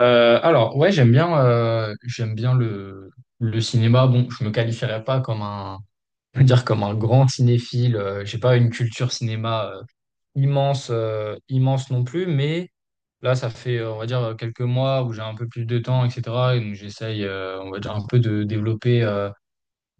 Ouais, j'aime bien le cinéma. Bon, je me qualifierais pas comme je veux dire comme un grand cinéphile. J'ai pas une culture cinéma immense, immense non plus. Mais là, ça fait, on va dire, quelques mois où j'ai un peu plus de temps, etc. Et donc, j'essaye, on va dire, un peu de développer.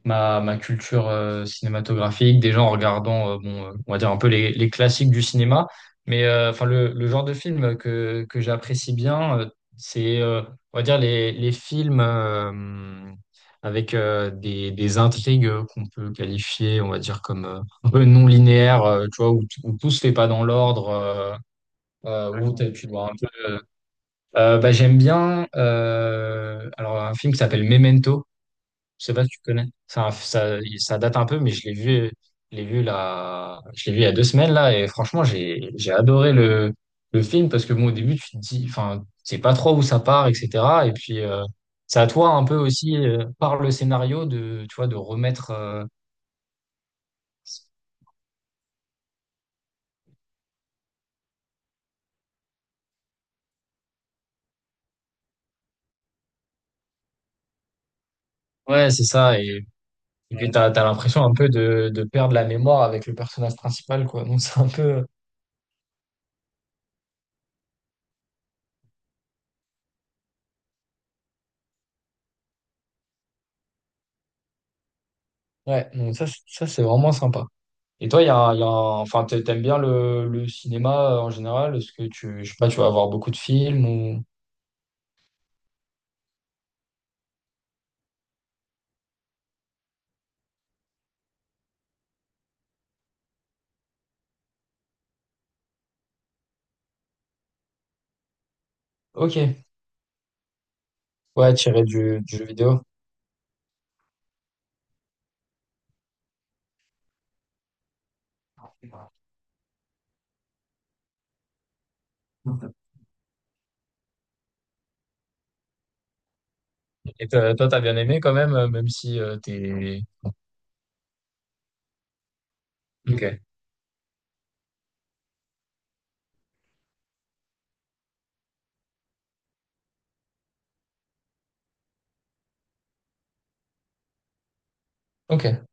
Ma culture cinématographique, déjà en regardant, on va dire un peu les classiques du cinéma, mais le genre de film que j'apprécie bien, c'est, on va dire, les films avec des intrigues qu'on peut qualifier, on va dire, comme un peu non linéaires, tu vois, où tout se fait pas dans l'ordre. Tu dois un peu. Bah, j'aime bien alors un film qui s'appelle Memento, je sais pas si tu connais. Ça date un peu, mais je l'ai vu là, je l'ai vu il y a deux semaines là, et franchement, j'ai adoré le film parce que bon, au début, tu te dis, enfin, c'est pas trop où ça part, etc. Et puis, c'est à toi un peu aussi, par le scénario, de, tu vois, de remettre, ouais, c'est ça, et puis ouais. T'as l'impression un peu de perdre la mémoire avec le personnage principal, quoi. Donc, c'est un peu, ouais, donc ça, ça, c'est vraiment sympa. Et toi, il y a il y a enfin, t'aimes bien le cinéma en général? Est-ce que tu, je sais pas, tu vas avoir beaucoup de films ou... Ok, ouais, tiré du jeu vidéo. Et toi, t'as bien aimé quand même, même si t'es... Ok, ok,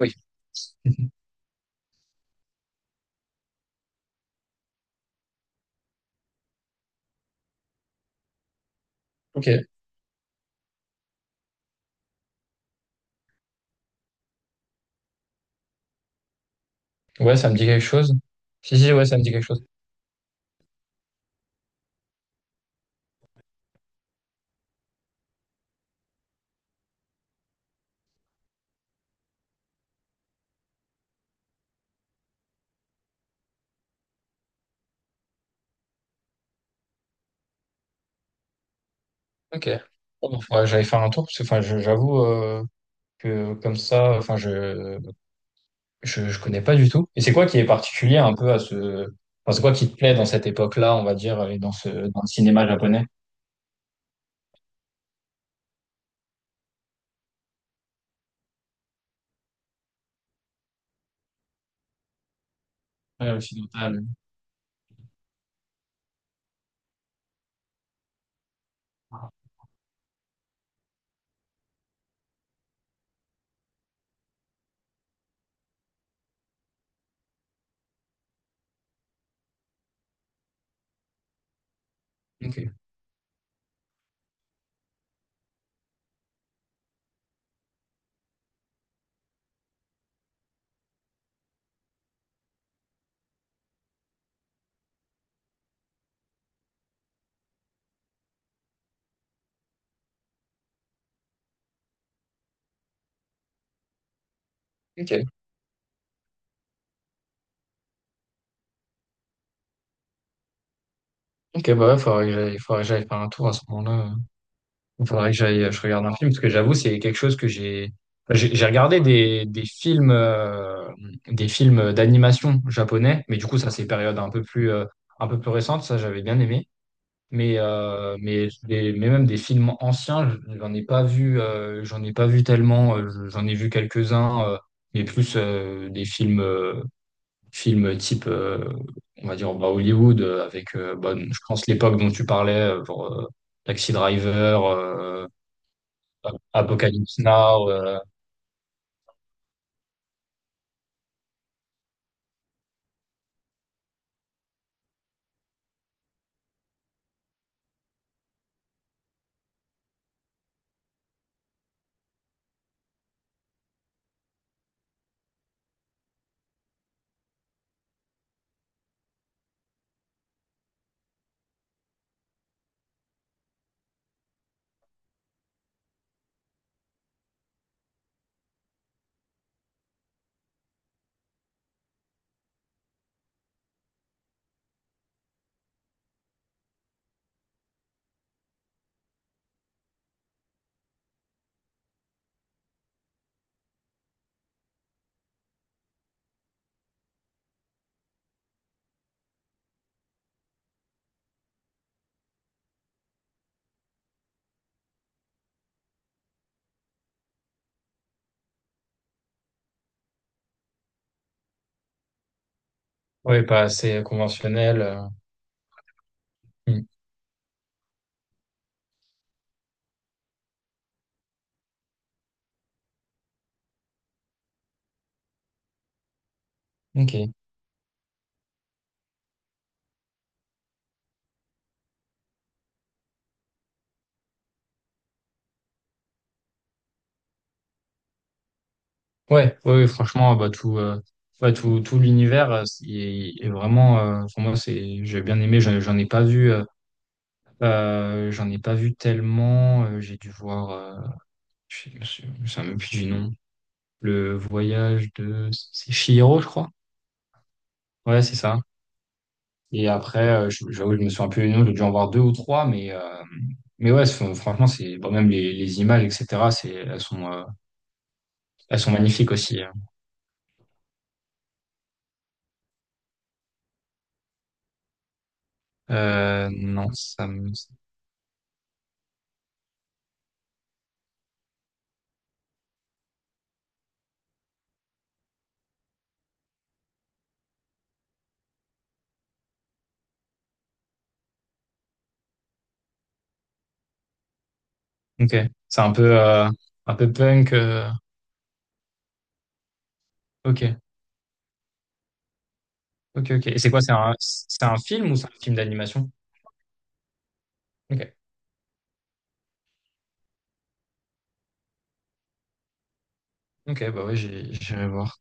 oui. Ok, ouais, ça me dit quelque chose. Si, si, ouais, ça me dit quelque chose. Ok. Bon, faudrait que j'aille faire un tour, parce que enfin, j'avoue que comme ça, enfin, je, je connais pas du tout. Et c'est quoi qui est particulier un peu à ce... Enfin, c'est quoi qui te plaît dans cette époque-là, on va dire, et dans ce, dans le cinéma japonais? Ouais, occidental. Ok. Ok. Ok, bah ouais, faudrait que j'aille faire un tour à ce moment-là. Il faudrait que j'aille, je regarde un film, parce que j'avoue, c'est quelque chose que j'ai, enfin, j'ai regardé des films d'animation japonais, mais du coup, ça, c'est période un peu plus récente, ça, j'avais bien aimé. Mais, mais même des films anciens, j'en ai pas vu, j'en ai pas vu tellement. J'en ai vu quelques-uns, mais plus des films, films type, on va dire, bah, Hollywood, avec, bah, je pense, l'époque dont tu parlais, genre Taxi Driver, Apocalypse Now, ouais, pas assez conventionnel. Hmm. Ok. Ouais, ouais, ouais, franchement, bah, tout, ouais, tout, tout l'univers est, vraiment, pour moi, c'est, j'ai bien aimé, j'en ai pas vu, j'en ai pas vu tellement, j'ai dû voir, je me souviens même plus du nom, le voyage de, c'est Chihiro, je crois. Ouais, c'est ça. Et après, j'avoue, je me souviens plus du nom, j'ai dû en voir deux ou trois, mais ouais, franchement, c'est, bon, même les images, etc., c'est, elles sont magnifiques aussi. Hein. Non, ça me, ok, c'est un peu punk. Ok, ok, ok. Et c'est quoi? C'est un film ou c'est un film d'animation? Ok, ok, bah ouais, j'irai voir.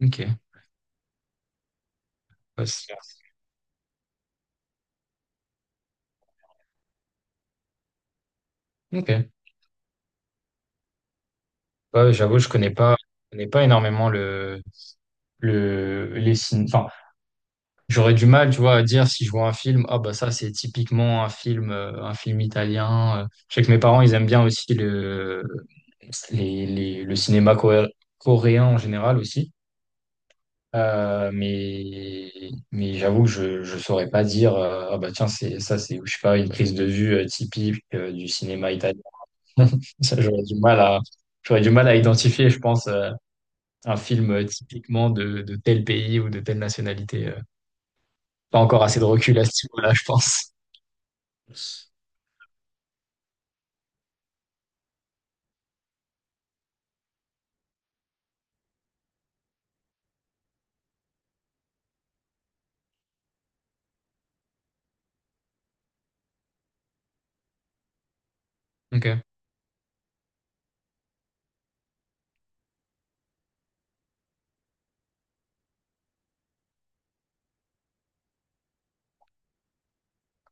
Ok, ouais, ok. Bah ouais, j'avoue, je connais pas énormément le, les signes. Enfin, j'aurais du mal, tu vois, à dire si je vois un film, ah bah ça, c'est typiquement un film italien. Je sais que mes parents, ils aiment bien aussi le, les, les- le cinéma coré- coréen en général aussi. Mais j'avoue que je saurais pas dire ah bah tiens c'est ça c'est je sais pas une prise de vue typique du cinéma italien ça j'aurais du mal à j'aurais du mal à identifier je pense un film typiquement de tel pays ou de telle nationalité Pas encore assez de recul à ce niveau-là je pense. Ok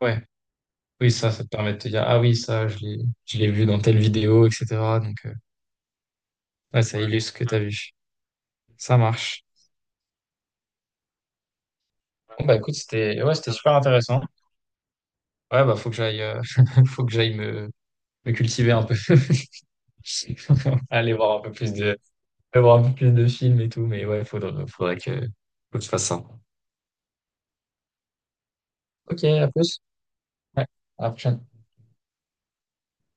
ouais, oui ça ça te permet de te dire ah oui ça je l'ai vu dans telle vidéo etc donc ouais ça illustre ce que t'as vu. Ça marche. Bon bah écoute c'était ouais c'était super intéressant. Ouais, bah, faut que j'aille, faut que j'aille me cultiver un peu. Aller voir un peu plus de, aller voir un peu plus de films et tout, mais ouais, faudrait, faut que je fasse ça. Ok, à plus. Ouais, à la prochaine.